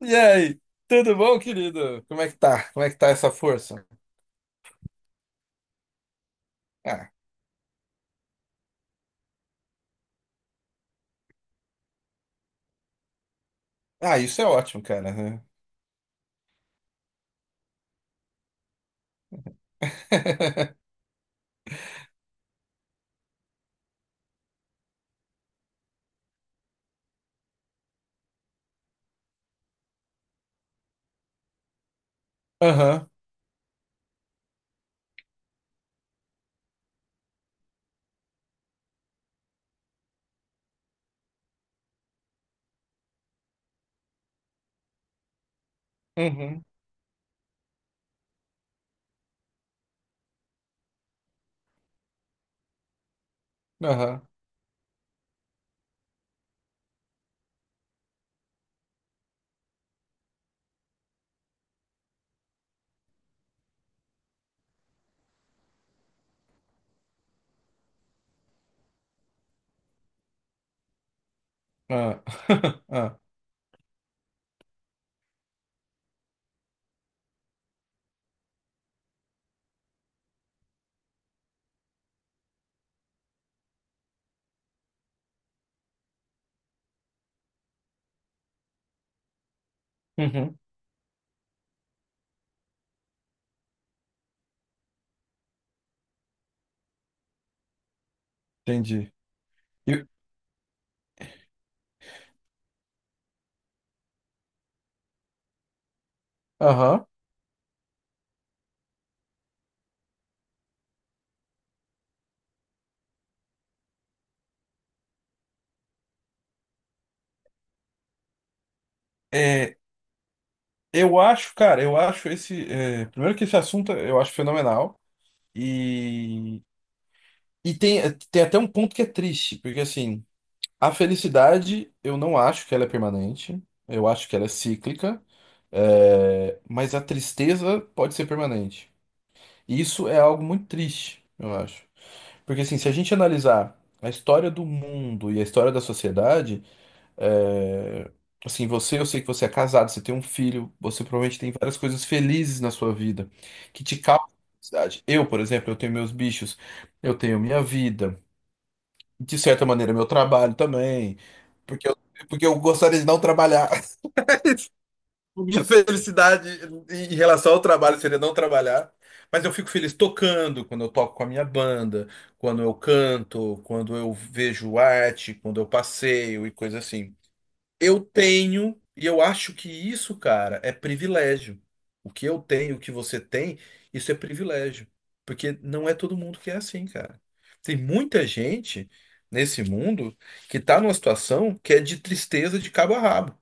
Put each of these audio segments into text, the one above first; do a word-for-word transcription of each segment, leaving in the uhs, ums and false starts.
E aí, tudo bom, querido? Como é que tá? Como é que tá essa força? Ah, ah, isso é ótimo, cara. Né? Aham, uhum, aham, ah, ah, uhum, entendi. E- Aham. É, eu acho, cara, eu acho esse. É, primeiro que esse assunto eu acho fenomenal. E, e tem, tem até um ponto que é triste, porque assim, a felicidade eu não acho que ela é permanente, eu acho que ela é cíclica. É, mas a tristeza pode ser permanente. E isso é algo muito triste, eu acho. Porque assim, se a gente analisar a história do mundo e a história da sociedade, é, assim, você, eu sei que você é casado, você tem um filho, você provavelmente tem várias coisas felizes na sua vida que te causam felicidade. Eu, por exemplo, eu tenho meus bichos, eu tenho minha vida, de certa maneira, meu trabalho também, porque eu, porque eu gostaria de não trabalhar. Minha felicidade em relação ao trabalho seria não trabalhar, mas eu fico feliz tocando, quando eu toco com a minha banda, quando eu canto, quando eu vejo arte, quando eu passeio e coisa assim. Eu tenho, e eu acho que isso, cara, é privilégio. O que eu tenho, o que você tem, isso é privilégio. Porque não é todo mundo que é assim, cara. Tem muita gente nesse mundo que tá numa situação que é de tristeza de cabo a rabo.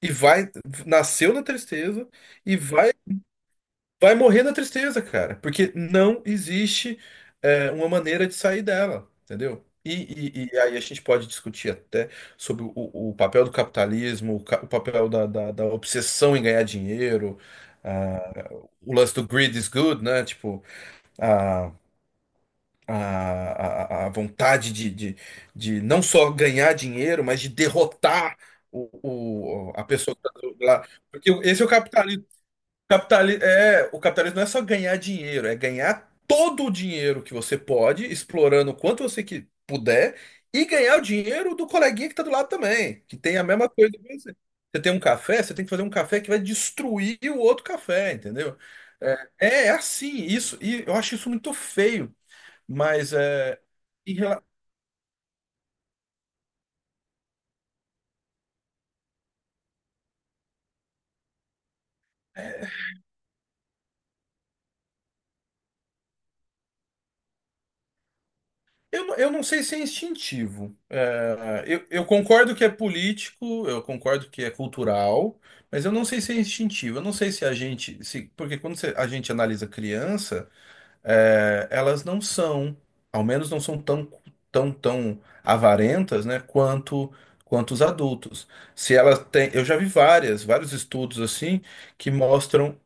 E vai, nasceu na tristeza e vai, vai morrer na tristeza, cara. Porque não existe é, uma maneira de sair dela, entendeu? E, e- e aí a gente pode discutir até sobre o, o papel do capitalismo, o, ca- o papel da, da, da obsessão em ganhar dinheiro, ah, o lance do greed is good, né? Tipo, a, a, a, a vontade de, de, de não só ganhar dinheiro, mas de derrotar o, o, a pessoa que tá do- lá. Porque esse é o capitalismo. Capitali é, o capitalismo não é só ganhar dinheiro, é ganhar todo o dinheiro que você pode, explorando o quanto você que puder, e ganhar o dinheiro do coleguinha que está do lado também, que tem a mesma coisa que você. Você tem um café, você tem que fazer um café que vai destruir o outro café, entendeu? É, é assim, isso, e eu acho isso muito feio, mas é, em rela- eu, não- eu não sei se é instintivo. É, eu, eu concordo que é político, eu concordo que é cultural, mas eu não sei se é instintivo. Eu não sei se a gente, se, porque quando você- a gente analisa criança, é, elas não são, ao menos não são tão, tão, tão avarentas, né, quanto, quanto os adultos. Se elas têm, eu já vi várias, vários estudos assim que mostram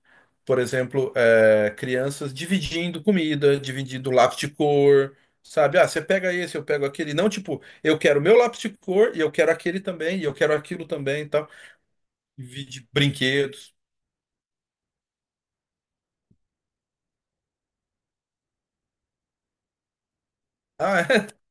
por exemplo, é, crianças dividindo comida, dividindo lápis de cor, sabe? Ah, você pega esse, eu pego aquele. Não, tipo, eu quero meu lápis de cor e eu quero aquele também, e eu quero aquilo também e tal. Divide brinquedos. Ah, é.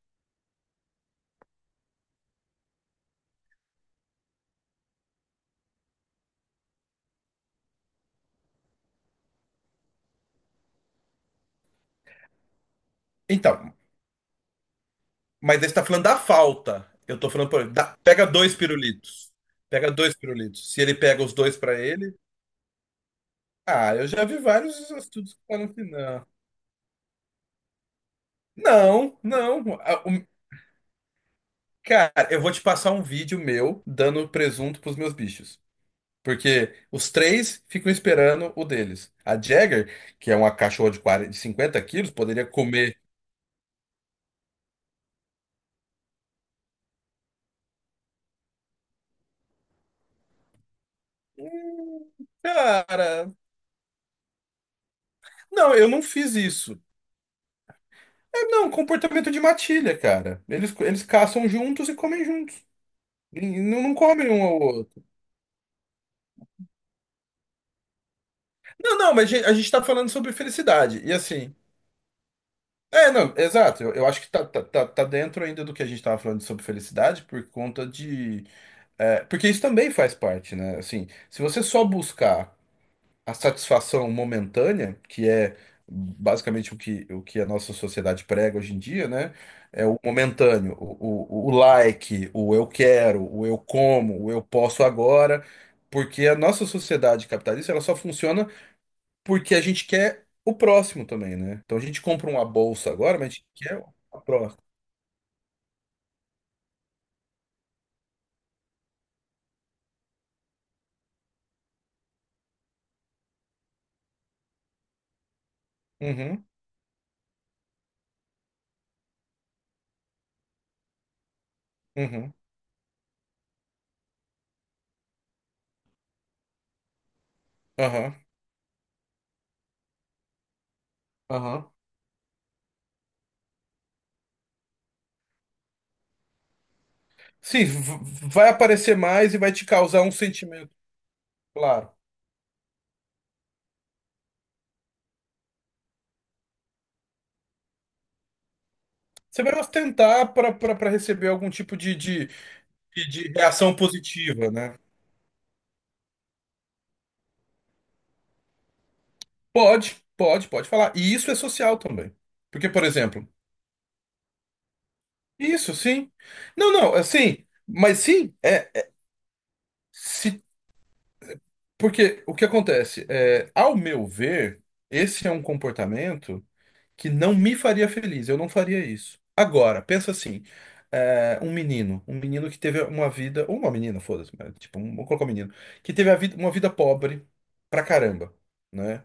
Então, mas aí você tá falando da falta. Eu tô falando, por exemplo, dá- pega dois pirulitos. Pega dois pirulitos. Se ele pega os dois pra ele. Ah, eu já vi vários estudos que falam que não. Não, não. Ah, o- cara, eu vou te passar um vídeo meu dando presunto pros meus bichos. Porque os três ficam esperando o deles. A Jagger, que é uma cachorra de quarenta, de cinquenta quilos, poderia comer. Hum, Cara, não, eu não fiz isso. É, não, comportamento de matilha, cara. Eles, eles caçam juntos e comem juntos. E Não, não comem um ao outro. Não, não, mas a gente, a gente tá falando sobre felicidade. E assim. É, não, exato. Eu, eu acho que tá, tá, tá, tá dentro ainda do que a gente tava falando sobre felicidade por conta de. É, porque isso também faz parte, né? Assim, se você só buscar a satisfação momentânea, que é basicamente o que, o que a nossa sociedade prega hoje em dia, né? É o momentâneo, o, o, o like, o eu quero, o eu como, o eu posso agora, porque a nossa sociedade capitalista ela só funciona porque a gente quer o próximo também, né? Então a gente compra uma bolsa agora, mas a gente quer a próxima. Uhum, uhum, aham, aham. Sim, v- vai aparecer mais e vai te causar um sentimento, claro. Você vai ostentar para receber algum tipo de, de, de, de reação positiva, né? Pode, pode, pode falar. E isso é social também. Porque, por exemplo, isso sim. Não, não, assim, mas sim, é. Se, porque o que acontece? É, ao meu ver, esse é um comportamento. Que não me faria feliz. Eu não faria isso. Agora, pensa assim, é, um menino, um menino que teve uma vida, ou uma menina, foda-se, mas, tipo, um, vou colocar um menino, que teve a vida- uma vida pobre pra caramba, né?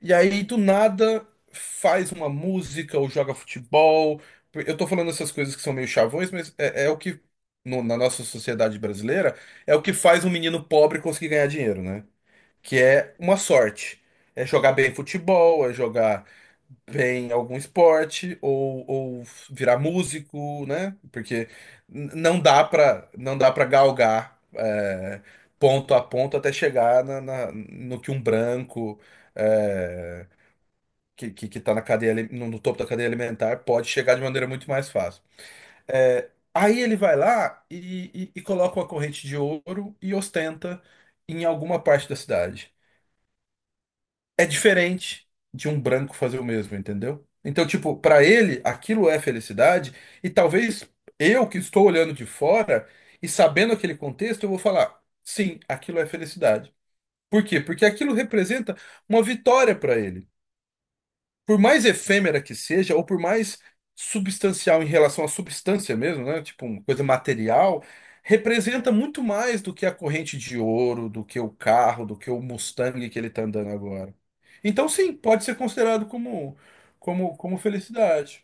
E aí, do nada, faz uma música ou joga futebol. Eu tô falando essas coisas que são meio chavões, mas é, é o que, no- na nossa sociedade brasileira, é o que faz um menino pobre conseguir ganhar dinheiro, né? Que é uma sorte. É jogar bem futebol, é jogar bem algum esporte ou, ou virar músico, né? Porque n- não dá para não dá para galgar é, ponto a ponto até chegar na, na- no que um branco é, que, que, que tá na cadeia ali- no, no topo da cadeia alimentar pode chegar de maneira muito mais fácil. É, aí ele vai lá e, e e coloca uma corrente de ouro e ostenta em alguma parte da cidade é diferente de um branco fazer o mesmo, entendeu? Então, tipo, pra ele, aquilo é felicidade, e talvez eu que estou olhando de fora e sabendo aquele contexto, eu vou falar, sim, aquilo é felicidade. Por quê? Porque aquilo representa uma vitória pra ele por mais efêmera que seja, ou por mais substancial em relação à substância mesmo, né? Tipo uma coisa material, representa muito mais do que a corrente de ouro, do que o carro, do que o Mustang que ele está andando agora. Então, sim, pode ser considerado como, como, como felicidade.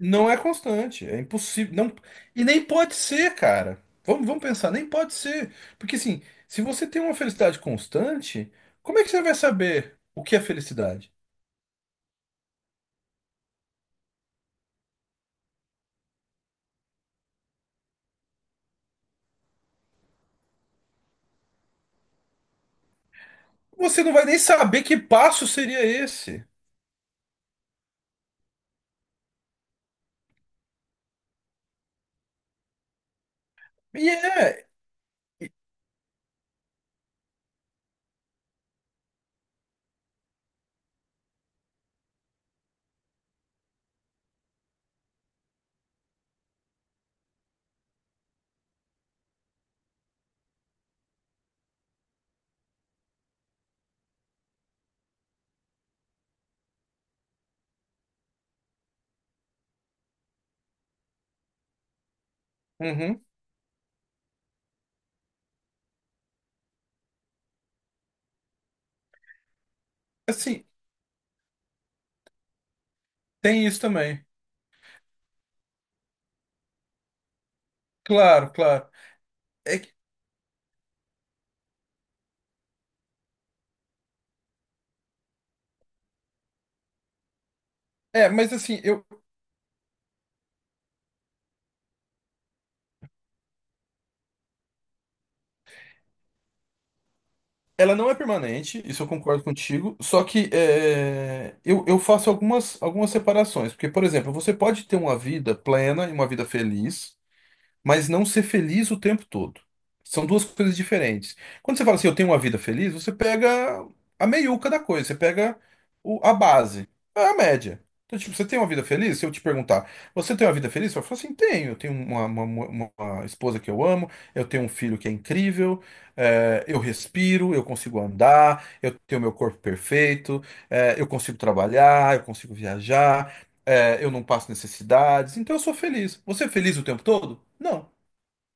Não é constante, é impossível, não, e nem pode ser, cara. Vamos, vamos pensar, nem pode ser, porque assim, se você tem uma felicidade constante, como é que você vai saber o que é felicidade? Você não vai nem saber que passo seria esse. E é. Uhum. Assim, tem isso também. Claro, claro. É, que- é, mas assim, eu, ela não é permanente, isso eu concordo contigo. Só que é, eu, eu faço algumas, algumas separações. Porque, por exemplo, você pode ter uma vida plena e uma vida feliz. Mas não ser feliz o tempo todo. São duas coisas diferentes. Quando você fala assim, eu tenho uma vida feliz, você pega a meiuca da coisa, você pega o- a base, é a média. Então, tipo, você tem uma vida feliz? Se eu te perguntar, você tem uma vida feliz? Você vai falar assim, tenho. Eu tenho uma, uma- uma- uma esposa que eu amo, eu tenho um filho que é incrível, é, eu respiro, eu consigo andar, eu tenho meu corpo perfeito, é, eu consigo trabalhar, eu consigo viajar, é, eu não passo necessidades, então eu sou feliz. Você é feliz o tempo todo? Não.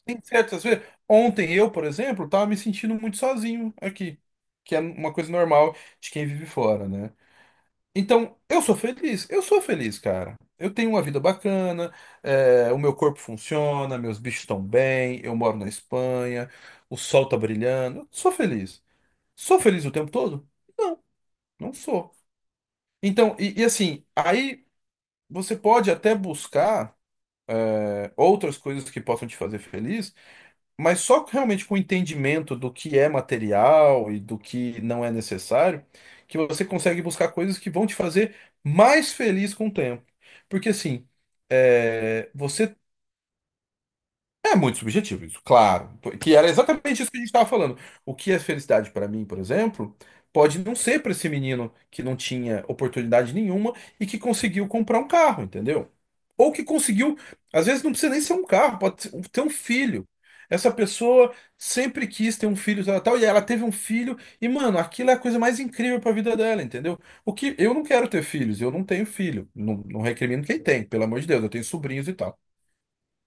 Tem certas vezes. Ontem eu, por exemplo, tava me sentindo muito sozinho aqui, que é uma coisa normal de quem vive fora, né? Então, eu sou feliz, eu sou feliz, cara. Eu tenho uma vida bacana, é, o meu corpo funciona, meus bichos estão bem, eu moro na Espanha, o sol tá brilhando, eu sou feliz. Sou feliz o tempo todo? Não, não sou. Então, e, e assim, aí você pode até buscar, é, outras coisas que possam te fazer feliz. Mas só realmente com o entendimento do que é material e do que não é necessário, que você consegue buscar coisas que vão te fazer mais feliz com o tempo. Porque assim, é, você é muito subjetivo isso, claro. Que era exatamente isso que a gente estava falando. O que é felicidade para mim, por exemplo, pode não ser para esse menino que não tinha oportunidade nenhuma e que conseguiu comprar um carro, entendeu? Ou que conseguiu, às vezes não precisa nem ser um carro, pode ser- ter um filho. Essa pessoa sempre quis ter um filho, tal, tal, e ela teve um filho, e mano, aquilo é a coisa mais incrível para a vida dela, entendeu? O que eu não quero ter filhos, eu não tenho filho, não, não recrimino quem tem, pelo amor de Deus, eu tenho sobrinhos e tal.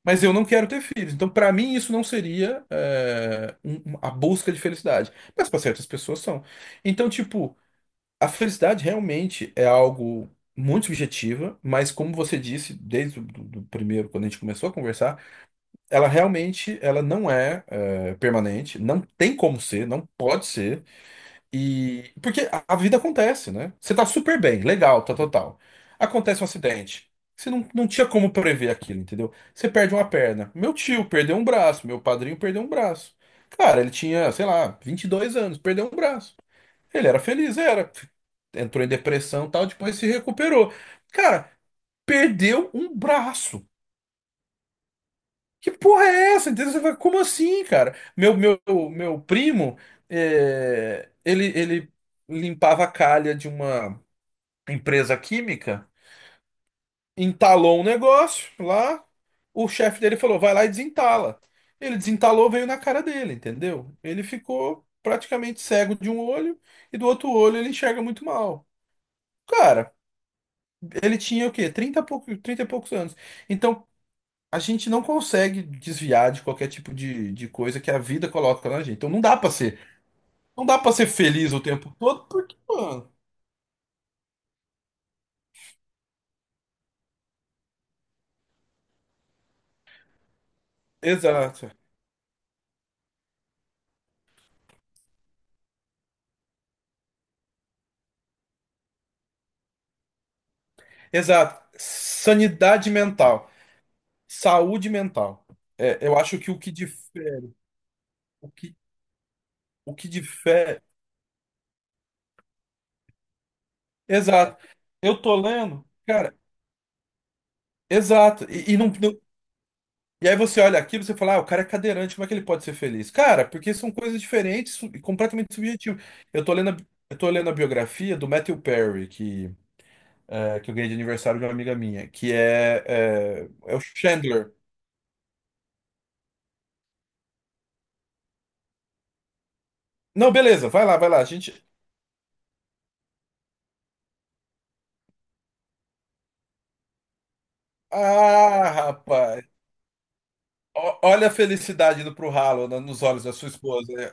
Mas eu não quero ter filhos. Então, para mim, isso não seria é, um- um- a busca de felicidade. Mas para certas pessoas são. Então, tipo, a felicidade realmente é algo muito subjetiva, mas como você disse desde o do, do primeiro, quando a gente começou a conversar, ela realmente ela não é, é, permanente, não tem como ser, não pode ser. E porque a a vida acontece, né? Você tá super bem, legal, tá total. Acontece um acidente. Você não, não tinha como prever aquilo, entendeu? Você perde uma perna. Meu tio perdeu um braço, meu padrinho perdeu um braço. Cara, ele tinha, sei lá, vinte e dois anos, perdeu um braço. Ele era feliz, era. Entrou em depressão, e tal, depois se recuperou. Cara, perdeu um braço. Que porra é essa? Entendeu? Você fala, como assim, cara? Meu, meu, meu primo, é, ele, ele limpava a calha de uma empresa química, entalou um negócio lá, o chefe dele falou, vai lá e desentala. Ele desentalou, veio na cara dele, entendeu? Ele ficou praticamente cego de um olho e do outro olho ele enxerga muito mal. Cara, ele tinha o quê? Trinta e pouco, trinta e poucos anos. Então, a gente não consegue desviar de qualquer tipo de, de coisa que a vida coloca na gente. Então não dá pra ser, não dá para ser feliz o tempo todo, porque, mano, exato. Exato. Sanidade mental, saúde mental. É, eu acho que o que difere, o que, o que difere, exato. Eu tô lendo, cara, exato. E, e não, e aí você olha aquilo e você fala, ah, o cara é cadeirante, como é que ele pode ser feliz? Cara, porque são coisas diferentes su- e completamente subjetivas. Eu tô lendo a, eu tô lendo a biografia do Matthew Perry, que, é, que eu ganhei de aniversário de uma amiga minha, que é, é, é o Chandler. Não, beleza, vai lá, vai lá. A gente. Ah, rapaz. O- olha a felicidade indo pro ralo na- nos olhos da sua esposa. Né.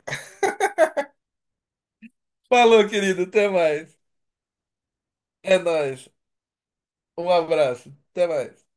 Falou, querido, até mais. É nóis. Um abraço, até mais.